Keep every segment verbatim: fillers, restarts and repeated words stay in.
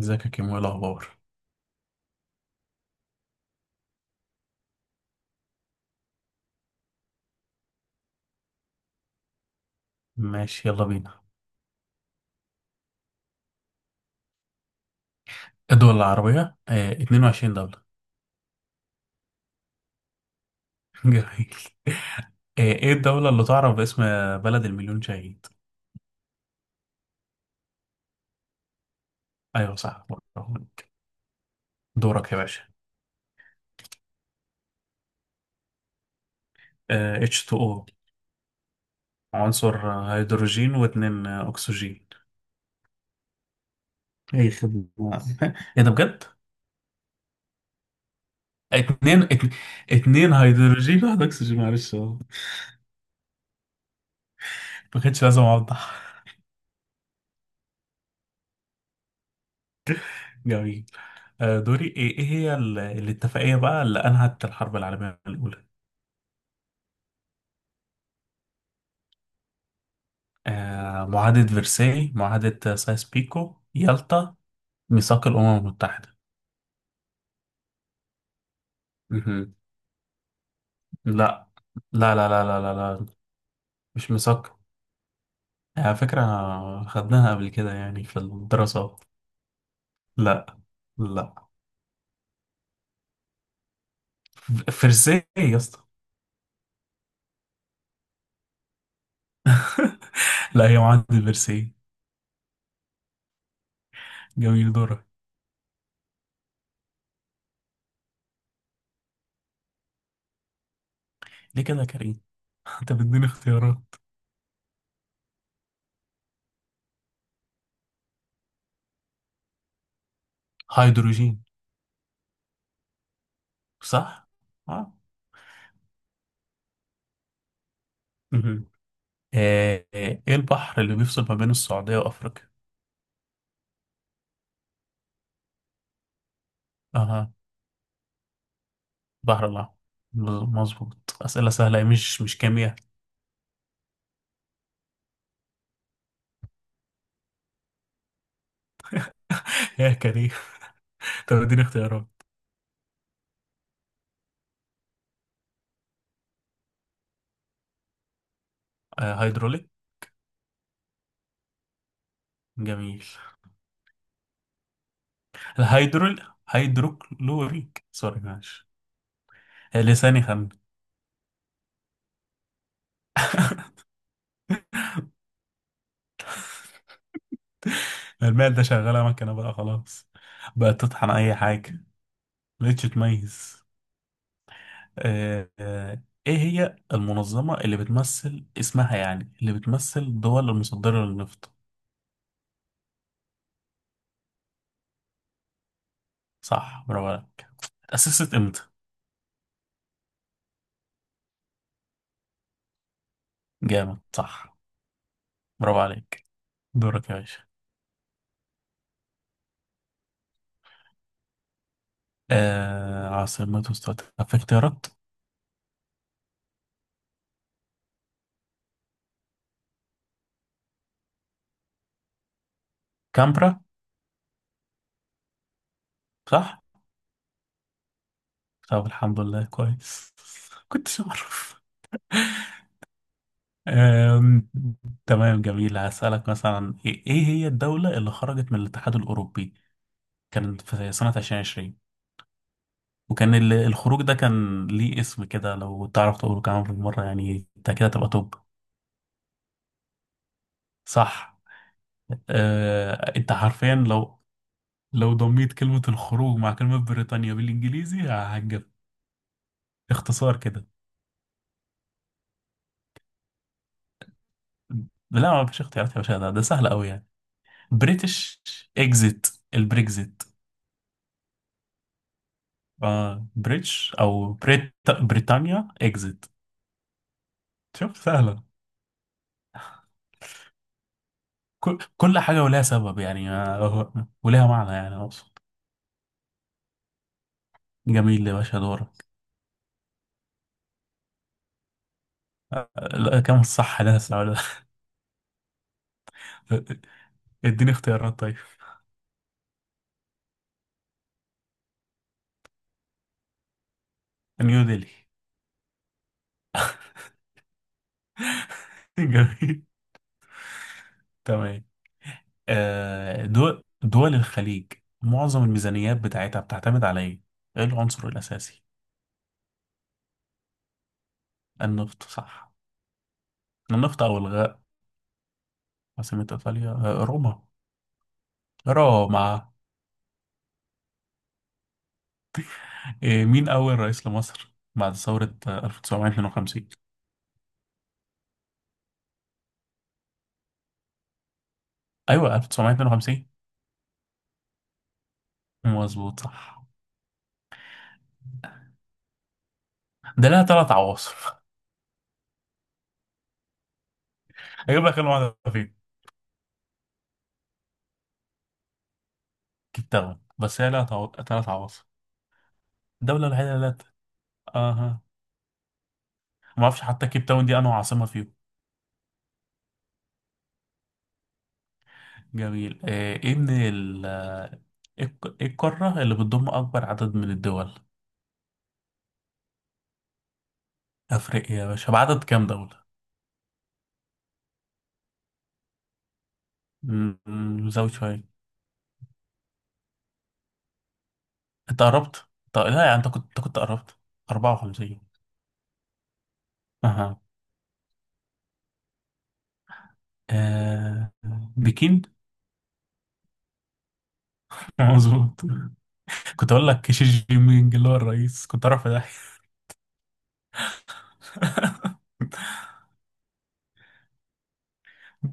ازيك يا كيمو، ايه الاخبار؟ ماشي، يلا بينا. الدول العربية آه اتنين وعشرين دولة. جميل. آه ايه الدولة اللي تعرف باسم بلد المليون شهيد؟ ايوه صح، برافوك. دورك يا باشا. آه اتش تو او. عنصر آه، هيدروجين، واتنين آه، اكسجين. اي خدمة. ايه ده بجد؟ اتنين اتن- اتنين هيدروجين، واحد اكسجين. معلش اه. ما كانش لازم اوضح. جميل. آه دوري. ايه ايه هي ال- الاتفاقية بقى اللي انهت الحرب العالمية الاولى؟ آه، معاهدة فرساي، معاهدة سايس بيكو، يالطا، ميثاق الأمم المتحدة؟ مهم. لا، لا، لا، لا، لا، لا، لا، مش ميثاق. على فكرة، خدناها قبل كده يعني في الدراسات. لا، لا، ف- فرساي يا اسطى. لا، هي معاهدة فرساي. جميل، دورك. ليه كده يا كريم؟ انت بتديني اختيارات. هيدروجين. صح؟ اه. مهم. آه، آه، ايه البحر اللي بيفصل ما بين السعودية وأفريقيا؟ اها. بحر الأحمر. مظبوط، أسئلة سهلة، مش مش كيمياء. يا كريم، طب اديني اختيارات. آه، هيدروليك. جميل. الهيدرول، هيدروكلوريك. سوري معلش، آه، لساني خم. الماء ده شغالة مكنة بقى خلاص، بقت تطحن أي حاجة، مبقتش تميز. آه، آه، إيه هي المنظمة اللي بتمثل اسمها يعني اللي بتمثل الدول المصدرة للنفط؟ صح، برافو عليك. اتأسست إمتى؟ جامد صح، برافو عليك. دورك يا باشا. آه عاصمة استراليا؟ طب في اختيارات؟ كامبرا. صح؟ طب الحمد لله، كويس. كنتش أعرف. آم، تمام، جميل. هسألك مثلا، إيه إيه هي الدولة اللي خرجت من الاتحاد الأوروبي؟ كان في سنة الفين وعشرين. وكان ال- الخروج ده كان ليه اسم كده، لو تعرف تقوله كمان بالمرة، يعني أنت كده تبقى توب. صح. آه أنت حرفيا، لو لو ضميت كلمة الخروج مع كلمة بريطانيا بالإنجليزي هتجيب اختصار كده. لا، ما فيش اختيارات يا باشا، ده ده سهل قوي يعني. بريتش اكزيت، البريكزيت. آه بريتش او بريت، بريتانيا اكزيت. شوف سهله. كل, كل حاجه ولها سبب يعني، آه، ولها معنى، يعني اقصد. جميل يا باشا، دورك. آه، لا، كم الصح ده السؤال ده؟ اديني اختيارات طيب. نيو ديلي. جميل، تمام. آه دول دول الخليج، معظم الميزانيات بتاعتها بتعتمد على ايه؟ ايه العنصر الاساسي؟ النفط، صح. النفط أو الغاء. عاصمة إيطاليا آه، روما. روما. إيه، مين أول رئيس لمصر بعد ثورة آه، ألف وتسعمائة واثنين وخمسين؟ أيوة، ألف وتسعمائة واثنين وخمسين. مظبوط، صح. ده لها تلات عواصم. هجيب لك المعلومة فين؟ كيب تاون، بس هي لها تعو- تلات عواصم. الدولة الوحيدة اللي لها تلات- أها، ما أعرفش حتى كيب تاون دي أنهي عاصمة فيهم. جميل. آه، إيه من ال آه، إيه الق- إيه القارة اللي بتضم أكبر عدد من الدول؟ أفريقيا يا باشا، بعدد كام دولة؟ مم، زود شوية. انت قربت. طب لا، يعني انت كنت انت كنت قربت. أربعة وخمسين. اها. آه... بكين. مظبوط. كنت اقول لك شي جين بينج اللي هو الرئيس، كنت اعرف ده.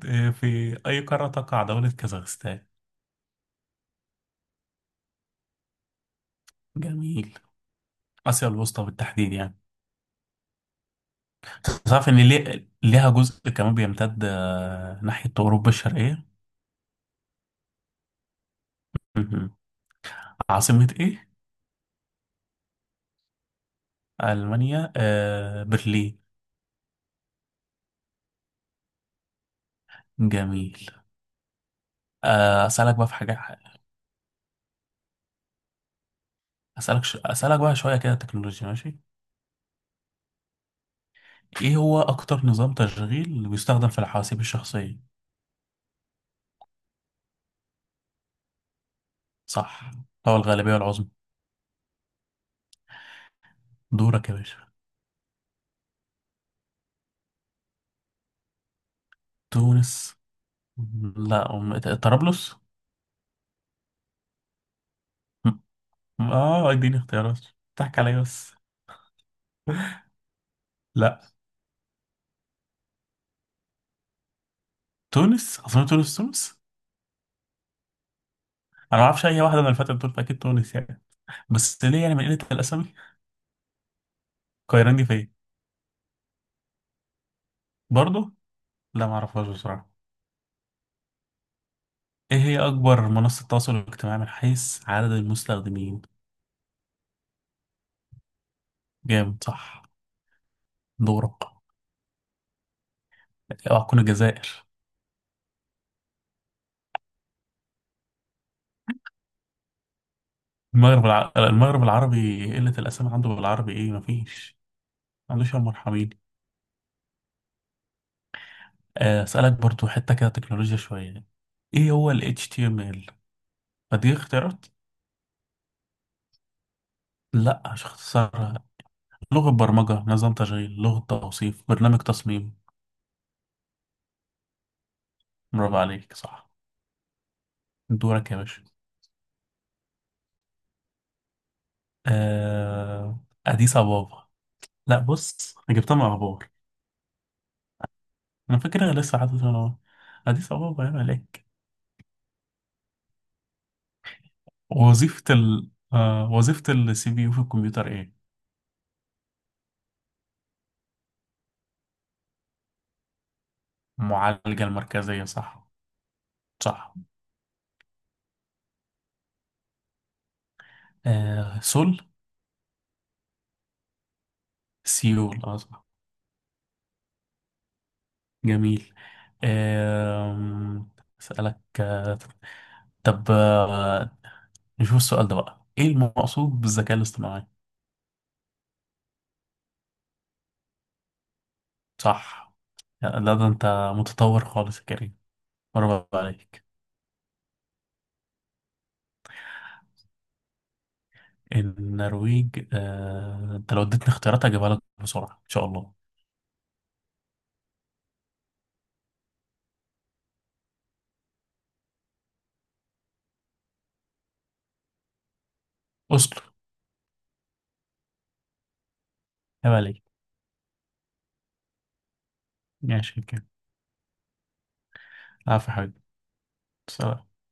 آه، في اي قاره تقع دوله كازاخستان؟ جميل، اسيا الوسطى بالتحديد يعني. تعرف ان ليه ليها جزء كمان بيمتد آه، ناحيه اوروبا الشرقيه. مهم. عاصمه ايه؟ المانيا آه... برلين. جميل. آه، اسالك بقى في حاجه. أسألك ش... أسألك بقى شوية كده تكنولوجيا، ماشي. إيه هو أكتر نظام تشغيل اللي بيستخدم في الحواسيب الشخصية؟ صح، هو الغالبية العظمى. دورك يا باشا. تونس. لا أم- طرابلس. م- آه اديني اختيارات، تحكي عليا بس. لا، تونس أصلا، تونس تونس. أنا ما أعرفش أي واحدة من الفترة دول، فأكيد تونس يعني. بس ليه يعني؟ من قلة الأسامي. القاهرة دي فين؟ برضه، لا ما أعرفهاش بصراحة. إيه هي أكبر منصة تواصل اجتماعي من حيث عدد المستخدمين؟ جامد، صح. دورك. اه، هتكون الجزائر. المغرب الع... المغرب العربي، قلة الأسامي عنده بالعربي، إيه مفيش. ما عندوش يا مرحبين. آه، أسألك برضو حتة كده تكنولوجيا شوية. إيه هو ال اتش تي ام ال؟ فدي اختيارات؟ لأ، مش اختصارها. لغة برمجة، نظام تشغيل، لغة توصيف، برنامج تصميم. برافو عليك، صح. دورك يا باشا. آه... أديس أبابا. لأ بص، أنا جبتها من أخبار. أنا فاكرها لسه، حاطط أنا أديس أبابا يا ملاك. وظيفة ال آه وظيفة السي بي يو في الكمبيوتر ايه؟ المعالجة المركزية، صح. صح. آه سول. سيول اه. صح، جميل. آه اسألك آه طب آه نشوف السؤال ده بقى. ايه المقصود بالذكاء الاصطناعي؟ صح. لا، ده انت متطور خالص يا كريم، برافو عليك. النرويج، آه انت لو اديتني اختيارات هجيبها لك بسرعة ان شاء الله. اصل، عيب عليك. ماشي كده. عفوا يا حبيبي. سلام.